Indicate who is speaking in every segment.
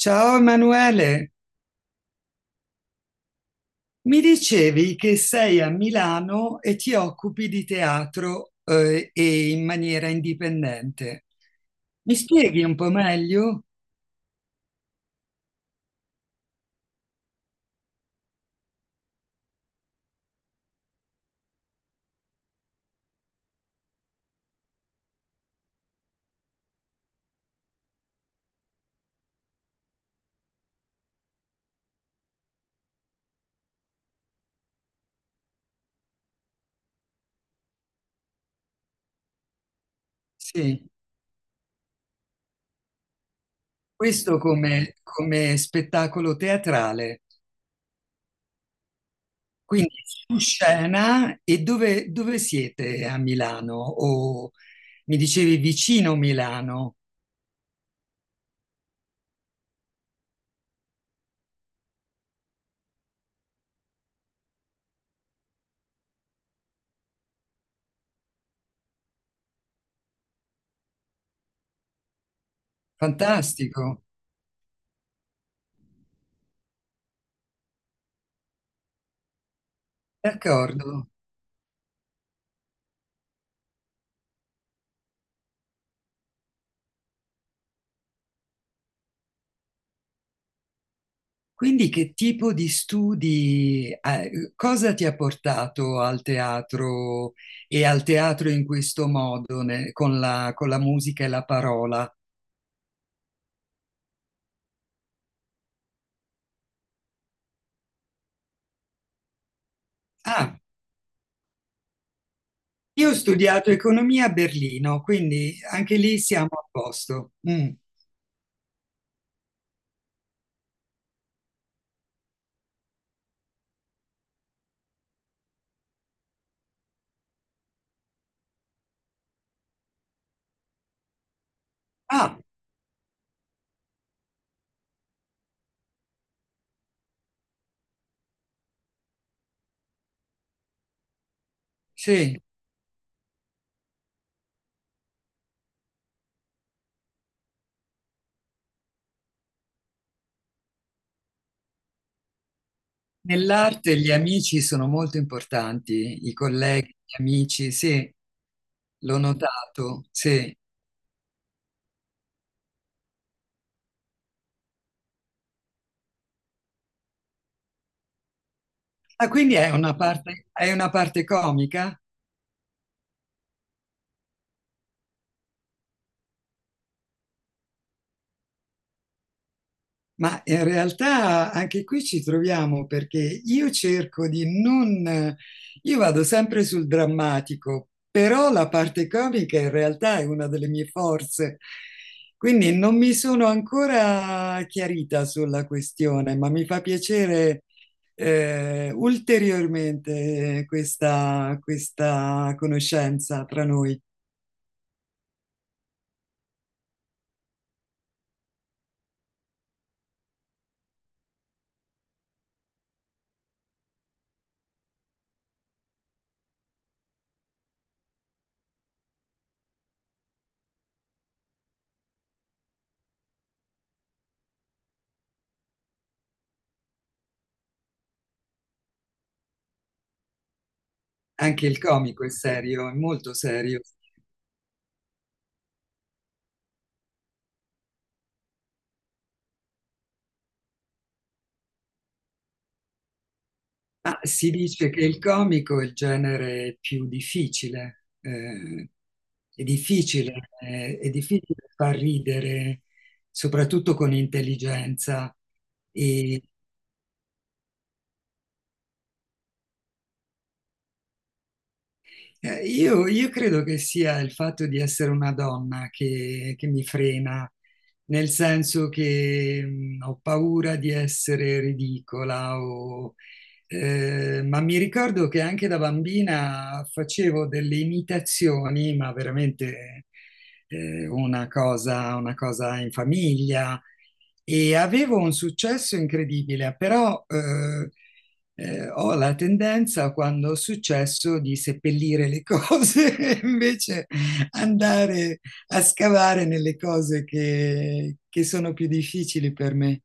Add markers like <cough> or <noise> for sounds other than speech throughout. Speaker 1: Ciao Emanuele, mi dicevi che sei a Milano e ti occupi di teatro, e in maniera indipendente. Mi spieghi un po' meglio? Sì, questo come, come spettacolo teatrale, quindi su scena e dove, dove siete a Milano? O mi dicevi vicino Milano, fantastico, d'accordo. Quindi che tipo di studi, cosa ti ha portato al teatro e al teatro in questo modo, con la musica e la parola? Ah, io ho studiato economia a Berlino, quindi anche lì siamo a posto. Mm. Ah, sì, nell'arte gli amici sono molto importanti, i colleghi, gli amici, sì, l'ho notato, sì. Ah, quindi è una parte comica? Ma in realtà anche qui ci troviamo perché io cerco di non... Io vado sempre sul drammatico, però la parte comica in realtà è una delle mie forze. Quindi non mi sono ancora chiarita sulla questione, ma mi fa piacere ulteriormente questa, questa conoscenza tra noi. Anche il comico è serio, è molto serio. Ma si dice che il comico è il genere più difficile, è difficile, è difficile far ridere, soprattutto con intelligenza. E, io credo che sia il fatto di essere una donna che mi frena, nel senso che ho paura di essere ridicola o. Ma mi ricordo che anche da bambina facevo delle imitazioni, ma veramente una cosa in famiglia e avevo un successo incredibile, però ho la tendenza quando ho successo di seppellire le cose <laughs> e invece andare a scavare nelle cose che sono più difficili per me.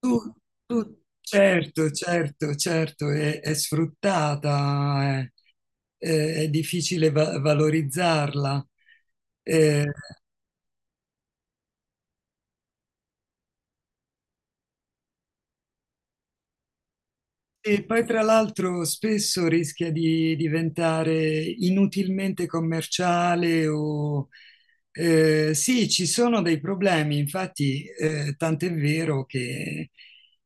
Speaker 1: Tu, certo, certo, certo, è sfruttata, è, è difficile valorizzarla. Eh, E poi tra l'altro spesso rischia di diventare inutilmente commerciale o sì, ci sono dei problemi, infatti tant'è vero che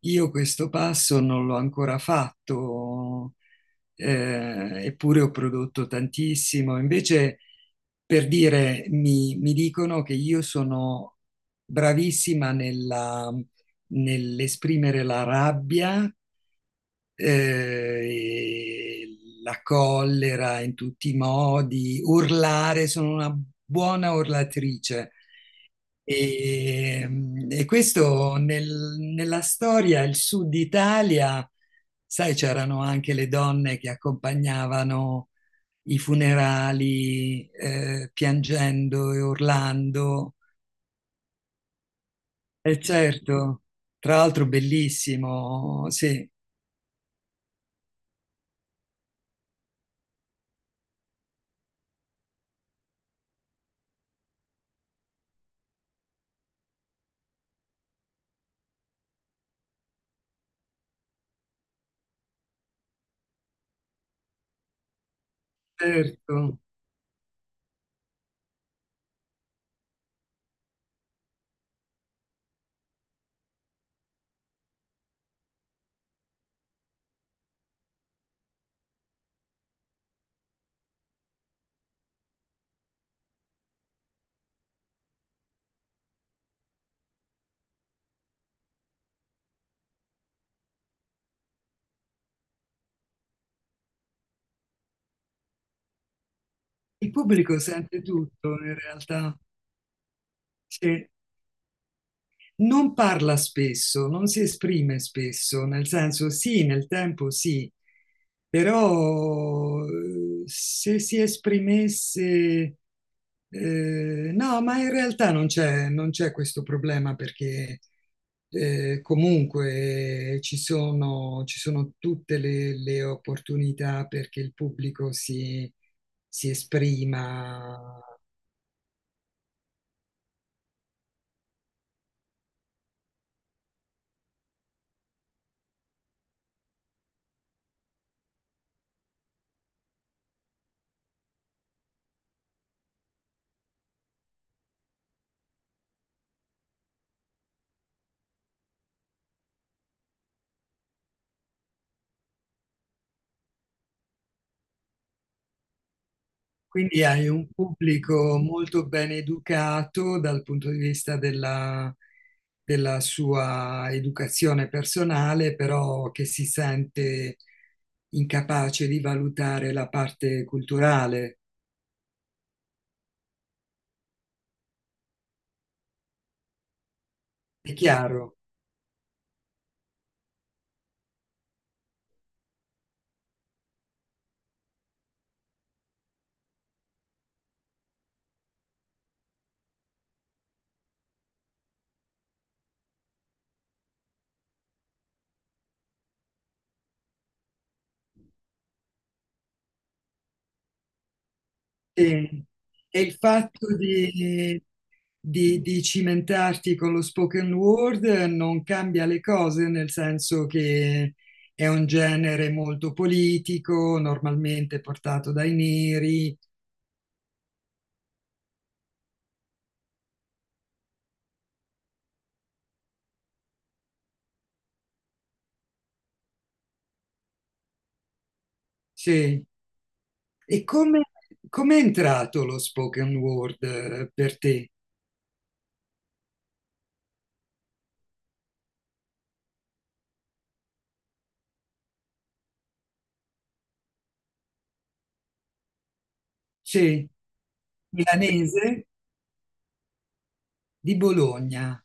Speaker 1: io questo passo non l'ho ancora fatto, eppure ho prodotto tantissimo. Invece, per dire, mi dicono che io sono bravissima nell'esprimere la rabbia eh, la collera in tutti i modi, urlare, sono una buona urlatrice. E, e questo nella storia, il sud Italia, sai, c'erano anche le donne che accompagnavano i funerali piangendo e urlando. E certo, tra l'altro bellissimo, sì, certo. Il pubblico sente tutto in realtà. Sì. Non parla spesso, non si esprime spesso, nel senso sì, nel tempo sì, però se si esprimesse... no, ma in realtà non c'è non c'è questo problema perché comunque ci sono tutte le opportunità perché il pubblico si, si esprima. Quindi hai un pubblico molto ben educato dal punto di vista della, della sua educazione personale, però che si sente incapace di valutare la parte culturale, è chiaro. E, e il fatto di, di cimentarti con lo spoken word non cambia le cose, nel senso che è un genere molto politico, normalmente portato dai neri. Sì. E come, come è entrato lo spoken word per te? Sì, milanese di Bologna.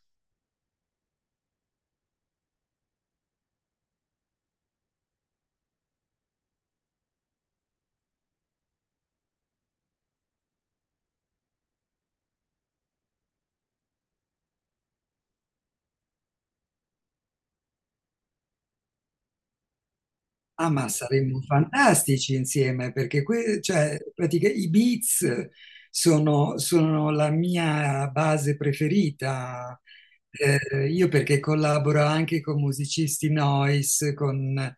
Speaker 1: Ah, ma saremmo fantastici insieme perché cioè, i Beats sono, sono la mia base preferita. Io perché collaboro anche con musicisti noise,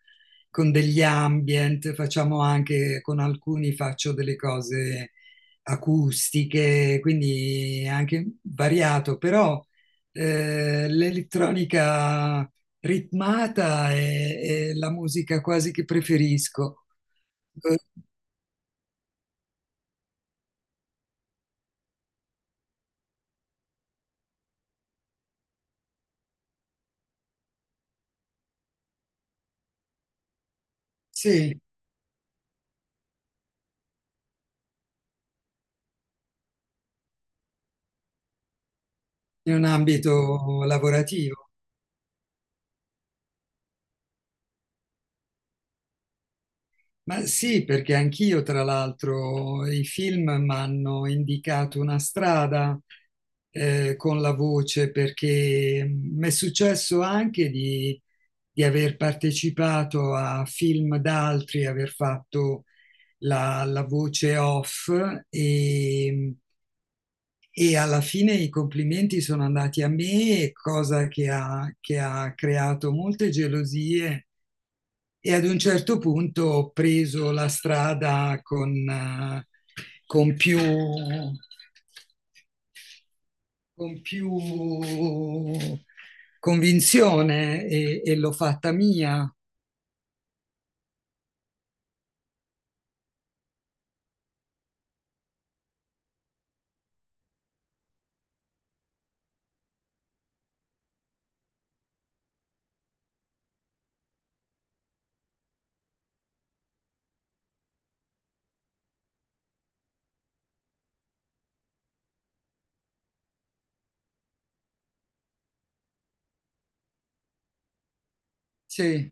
Speaker 1: con degli ambient, facciamo anche con alcuni faccio delle cose acustiche, quindi è anche variato, però l'elettronica ritmata è la musica quasi che preferisco. Eh, sì, in un ambito lavorativo. Ma sì, perché anch'io, tra l'altro, i film mi hanno indicato una strada con la voce, perché mi è successo anche di aver partecipato a film d'altri, aver fatto la, la voce off e, e alla fine i complimenti sono andati a me, cosa che ha creato molte gelosie e ad un certo punto ho preso la strada con più, con più convinzione e l'ho fatta mia. Sì.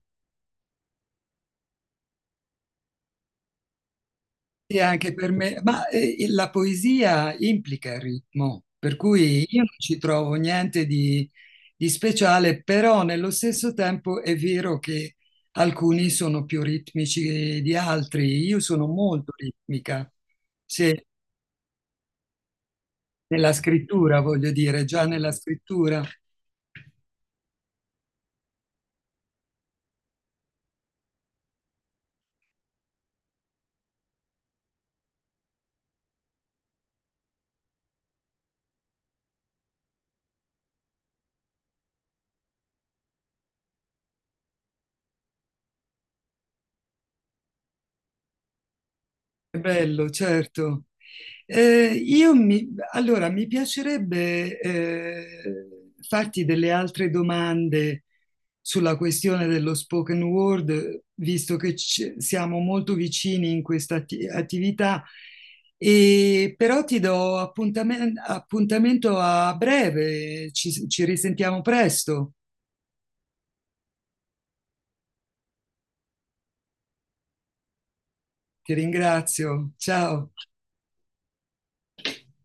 Speaker 1: Sì, anche per me, ma la poesia implica il ritmo, per cui io non ci trovo niente di, di speciale, però nello stesso tempo è vero che alcuni sono più ritmici di altri. Io sono molto ritmica, se nella scrittura, voglio dire, già nella scrittura. È bello, certo. Io mi, allora, mi piacerebbe farti delle altre domande sulla questione dello spoken word, visto che siamo molto vicini in questa attività, e, però ti do appuntamento a breve, ci risentiamo presto. Ti ringrazio, ciao.